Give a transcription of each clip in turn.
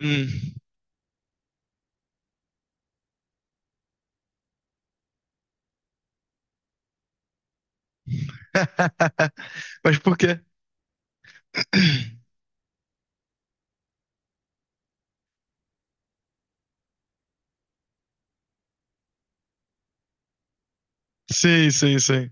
Hum. Mas por quê? Sim, sim, sim.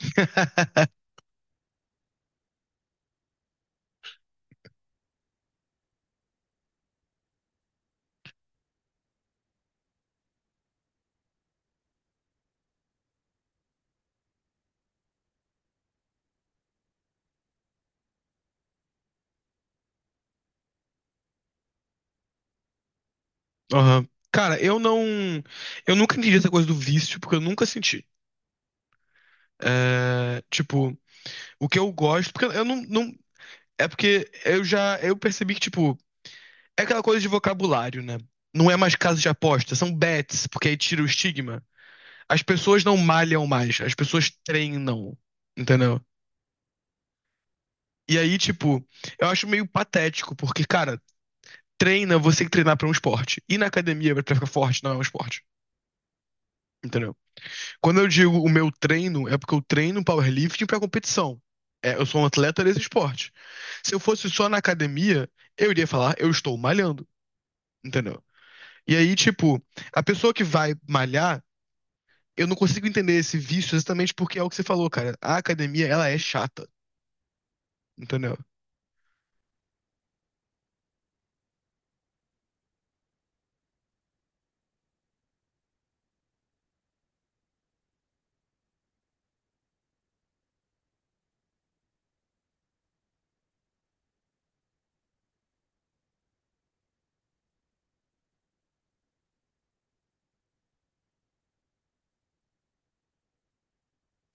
Aham. Cara, eu não. Eu nunca entendi essa coisa do vício, porque eu nunca senti. É, tipo, o que eu gosto. Porque eu não, não. É porque eu já. Eu percebi que, tipo. É aquela coisa de vocabulário, né? Não é mais casa de aposta, são bets, porque aí tira o estigma. As pessoas não malham mais, as pessoas treinam, entendeu? E aí, tipo, eu acho meio patético, porque, cara, treina, você tem que treinar pra um esporte. E na academia, pra ficar forte, não é um esporte. Entendeu? Quando eu digo o meu treino, é porque eu treino powerlifting pra competição. É, eu sou um atleta desse esporte. Se eu fosse só na academia, eu iria falar, eu estou malhando. Entendeu? E aí, tipo, a pessoa que vai malhar, eu não consigo entender esse vício exatamente porque é o que você falou, cara. A academia, ela é chata. Entendeu?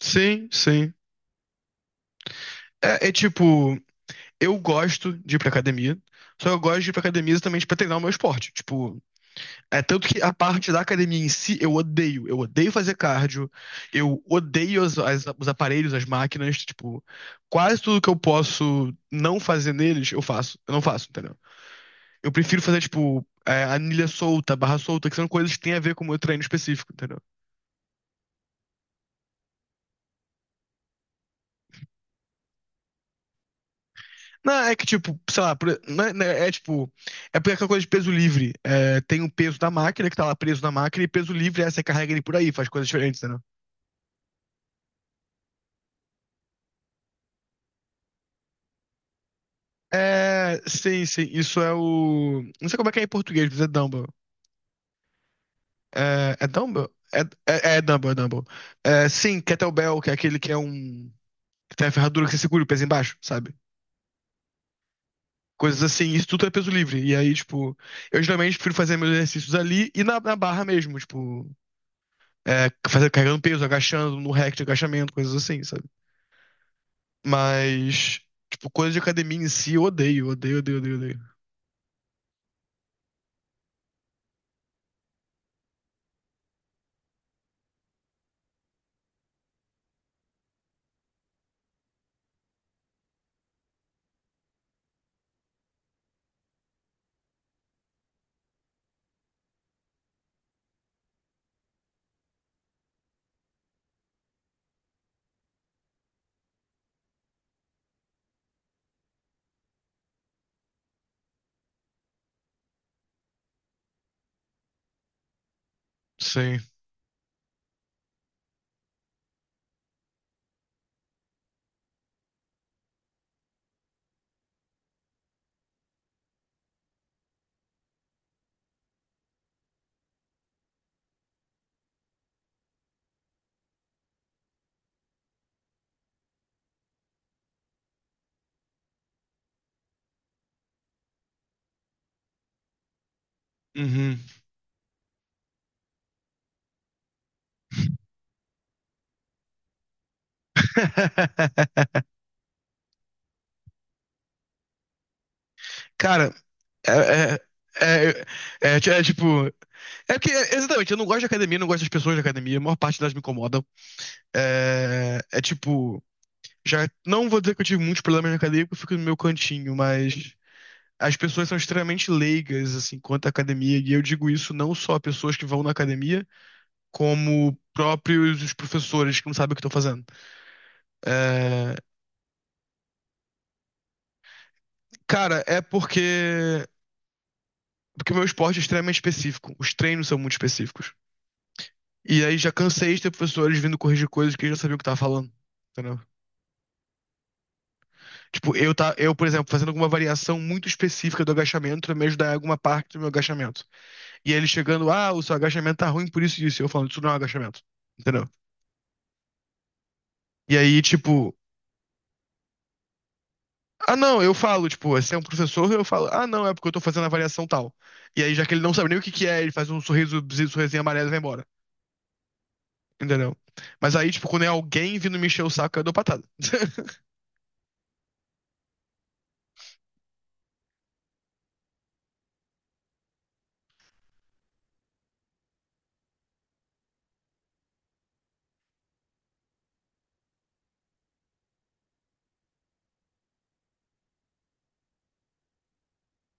Sim, sim. É, é tipo, eu gosto de ir pra academia, só que eu gosto de ir pra academia exatamente pra treinar o meu esporte. Tipo, é tanto que a parte da academia em si eu odeio. Eu odeio fazer cardio, eu odeio os aparelhos, as máquinas, tipo, quase tudo que eu posso não fazer neles, eu faço. Eu não faço, entendeu? Eu prefiro fazer, tipo, é, anilha solta, barra solta, que são coisas que têm a ver com o meu treino específico, entendeu? Não, é que, tipo, sei lá, não é, é, tipo, é porque é aquela coisa de peso livre. É, tem o peso da máquina que tá lá preso na máquina, e peso livre é você carrega ele por aí, faz coisas diferentes, é, sim, sim, isso é o. Não sei como é que é em português, mas é Dumble. É Dumble? É Dumble, é Dumble. É, sim, Kettlebell, que é aquele que é um que tem a ferradura que você segura o peso embaixo, sabe? Coisas assim, isso tudo é peso livre. E aí, tipo, eu geralmente prefiro fazer meus exercícios ali e na barra mesmo, tipo, é, fazer, carregando peso, agachando, no rack de agachamento, coisas assim, sabe? Mas, tipo, coisa de academia em si, eu odeio, odeio, odeio, odeio, odeio. Sim. Uhum. Cara, é, é, é, é, tipo. É porque, é, exatamente, eu não gosto de academia, não gosto das pessoas da academia, a maior parte delas me incomodam. É tipo. Já não vou dizer que eu tive muitos problemas na academia, porque eu fico no meu cantinho, mas as pessoas são extremamente leigas, assim, quanto à academia, e eu digo isso não só a pessoas que vão na academia, como próprios os professores que não sabem o que estão fazendo. É, cara, é porque. Porque o meu esporte é extremamente específico, os treinos são muito específicos. E aí já cansei de ter professores vindo corrigir coisas que eu já sabia o que tava falando. Entendeu? Tipo, eu, tá, eu, por exemplo, fazendo alguma variação muito específica do agachamento pra me ajudar em alguma parte do meu agachamento. E ele chegando, ah, o seu agachamento tá ruim por isso e isso. E eu falando, isso não é um agachamento. Entendeu? E aí, tipo, ah, não, eu falo, tipo, se é um professor, eu falo, ah, não, é porque eu tô fazendo a variação tal. E aí, já que ele não sabe nem o que que é, ele faz um sorriso, sorrisinho amarelo e vai embora. Entendeu? Mas aí, tipo, quando é alguém vindo me encher o saco, eu dou patada.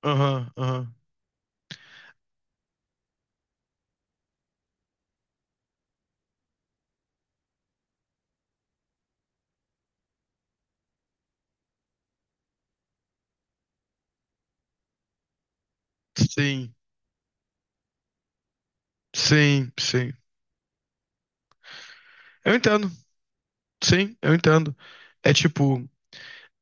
Aham, aham. Sim, sim, sim. Eu entendo. Sim, eu entendo. É tipo,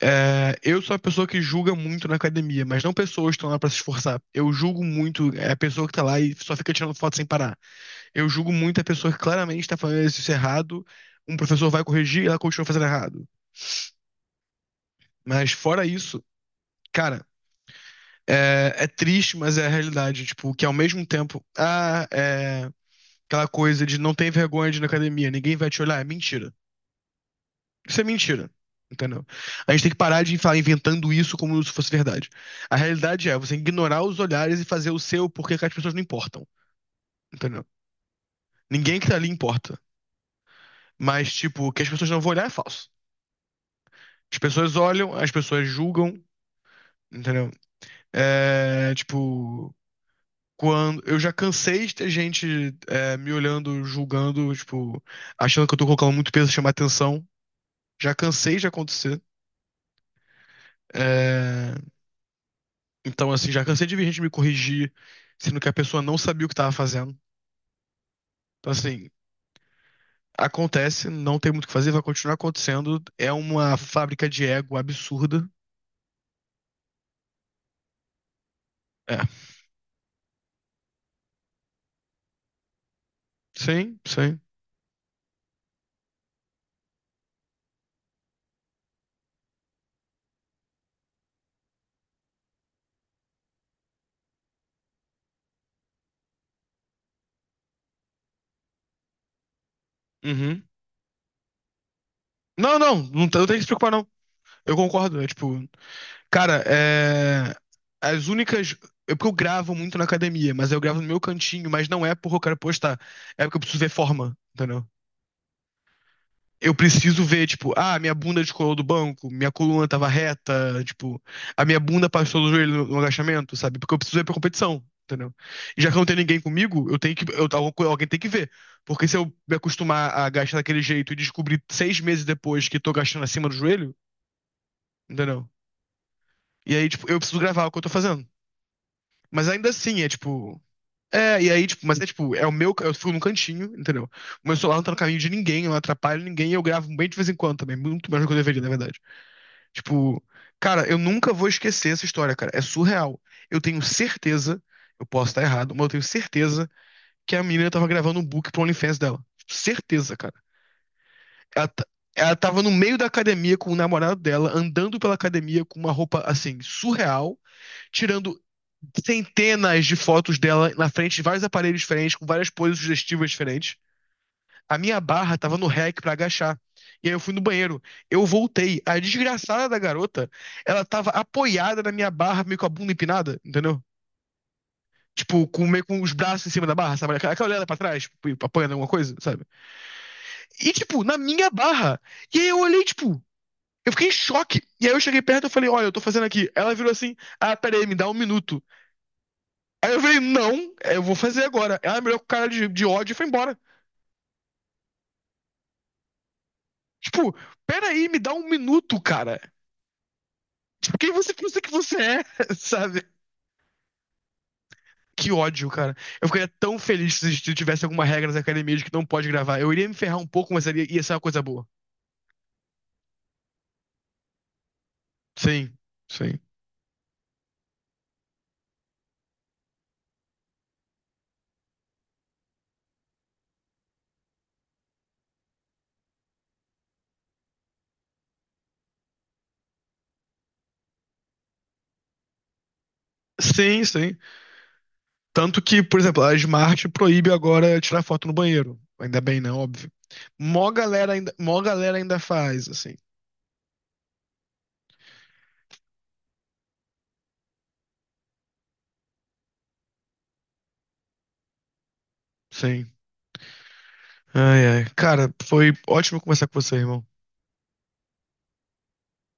é, eu sou a pessoa que julga muito na academia, mas não pessoas que estão lá pra se esforçar. Eu julgo muito é, a pessoa que tá lá e só fica tirando foto sem parar. Eu julgo muito a pessoa que claramente tá fazendo isso errado, um professor vai corrigir e ela continua fazendo errado. Mas fora isso, cara, é triste, mas é a realidade. Tipo, que ao mesmo tempo, ah, é, aquela coisa de não tem vergonha de ir na academia, ninguém vai te olhar, é mentira. Isso é mentira. Entendeu? A gente tem que parar de falar inventando isso como se fosse verdade. A realidade é você ignorar os olhares e fazer o seu porque que as pessoas não importam. Entendeu? Ninguém que tá ali importa. Mas, tipo, que as pessoas não vão olhar é falso. As pessoas olham, as pessoas julgam, entendeu? É, tipo, quando. Eu já cansei de ter gente é, me olhando, julgando, tipo, achando que eu tô colocando muito peso, chamar atenção. Já cansei de acontecer. É, então, assim, já cansei de ver gente me corrigir, sendo que a pessoa não sabia o que estava fazendo. Então, assim, acontece, não tem muito o que fazer, vai continuar acontecendo. É uma fábrica de ego absurda. É, sim, sim. Uhum. Não, não, não, não tem que se preocupar, não. Eu concordo. É tipo, cara, é. As únicas. Eu porque eu gravo muito na academia, mas eu gravo no meu cantinho, mas não é porque eu quero postar. É porque eu preciso ver forma, entendeu? Eu preciso ver, tipo, ah, minha bunda descolou do banco, minha coluna tava reta, tipo, a minha bunda passou do joelho no agachamento, sabe? Porque eu preciso ver pra competição, entendeu? E já que não tem ninguém comigo, eu tenho que, eu, alguém tem que ver. Porque se eu me acostumar a gastar daquele jeito e descobrir 6 meses depois que tô gastando acima do joelho, entendeu? E aí, tipo, eu preciso gravar o que eu tô fazendo. Mas ainda assim, é tipo. É, e aí, tipo, mas é tipo, é o meu. Eu fico num cantinho, entendeu? O meu celular não tá no caminho de ninguém, eu não atrapalho ninguém, e eu gravo bem de vez em quando também. Muito mais do que eu deveria, na verdade. Tipo, cara, eu nunca vou esquecer essa história, cara. É surreal. Eu tenho certeza, eu posso estar errado, mas eu tenho certeza que a menina tava gravando um book pro OnlyFans dela. Certeza, cara. Ela, ela tava no meio da academia com o namorado dela, andando pela academia com uma roupa, assim, surreal, tirando centenas de fotos dela na frente de vários aparelhos diferentes, com várias poses sugestivas diferentes. A minha barra tava no rack pra agachar. E aí eu fui no banheiro. Eu voltei. A desgraçada da garota, ela tava apoiada na minha barra, meio com a bunda empinada, entendeu? Tipo, com, meio com os braços em cima da barra, sabe? Aquela olhada pra trás, tipo, apoiando alguma coisa, sabe? E, tipo, na minha barra. E aí eu olhei, tipo, eu fiquei em choque. E aí eu cheguei perto e falei, olha, eu tô fazendo aqui. Ela virou assim, ah, peraí, me dá um minuto. Aí eu falei, não, é, eu vou fazer agora. Ela me olhou com cara de ódio e foi embora. Tipo, peraí, me dá um minuto, cara. Tipo, quem você pensa que você é, sabe? Que ódio, cara. Eu ficaria tão feliz se tivesse alguma regra nas academias de que não pode gravar. Eu iria me ferrar um pouco, mas ia ser uma coisa boa. Sim, sim. Sim, sim. Tanto que, por exemplo, a Smart proíbe agora tirar foto no banheiro. Ainda bem, né? Óbvio. Mó galera ainda faz, assim. Sim. Ai, ai. Cara, foi ótimo conversar com você, irmão.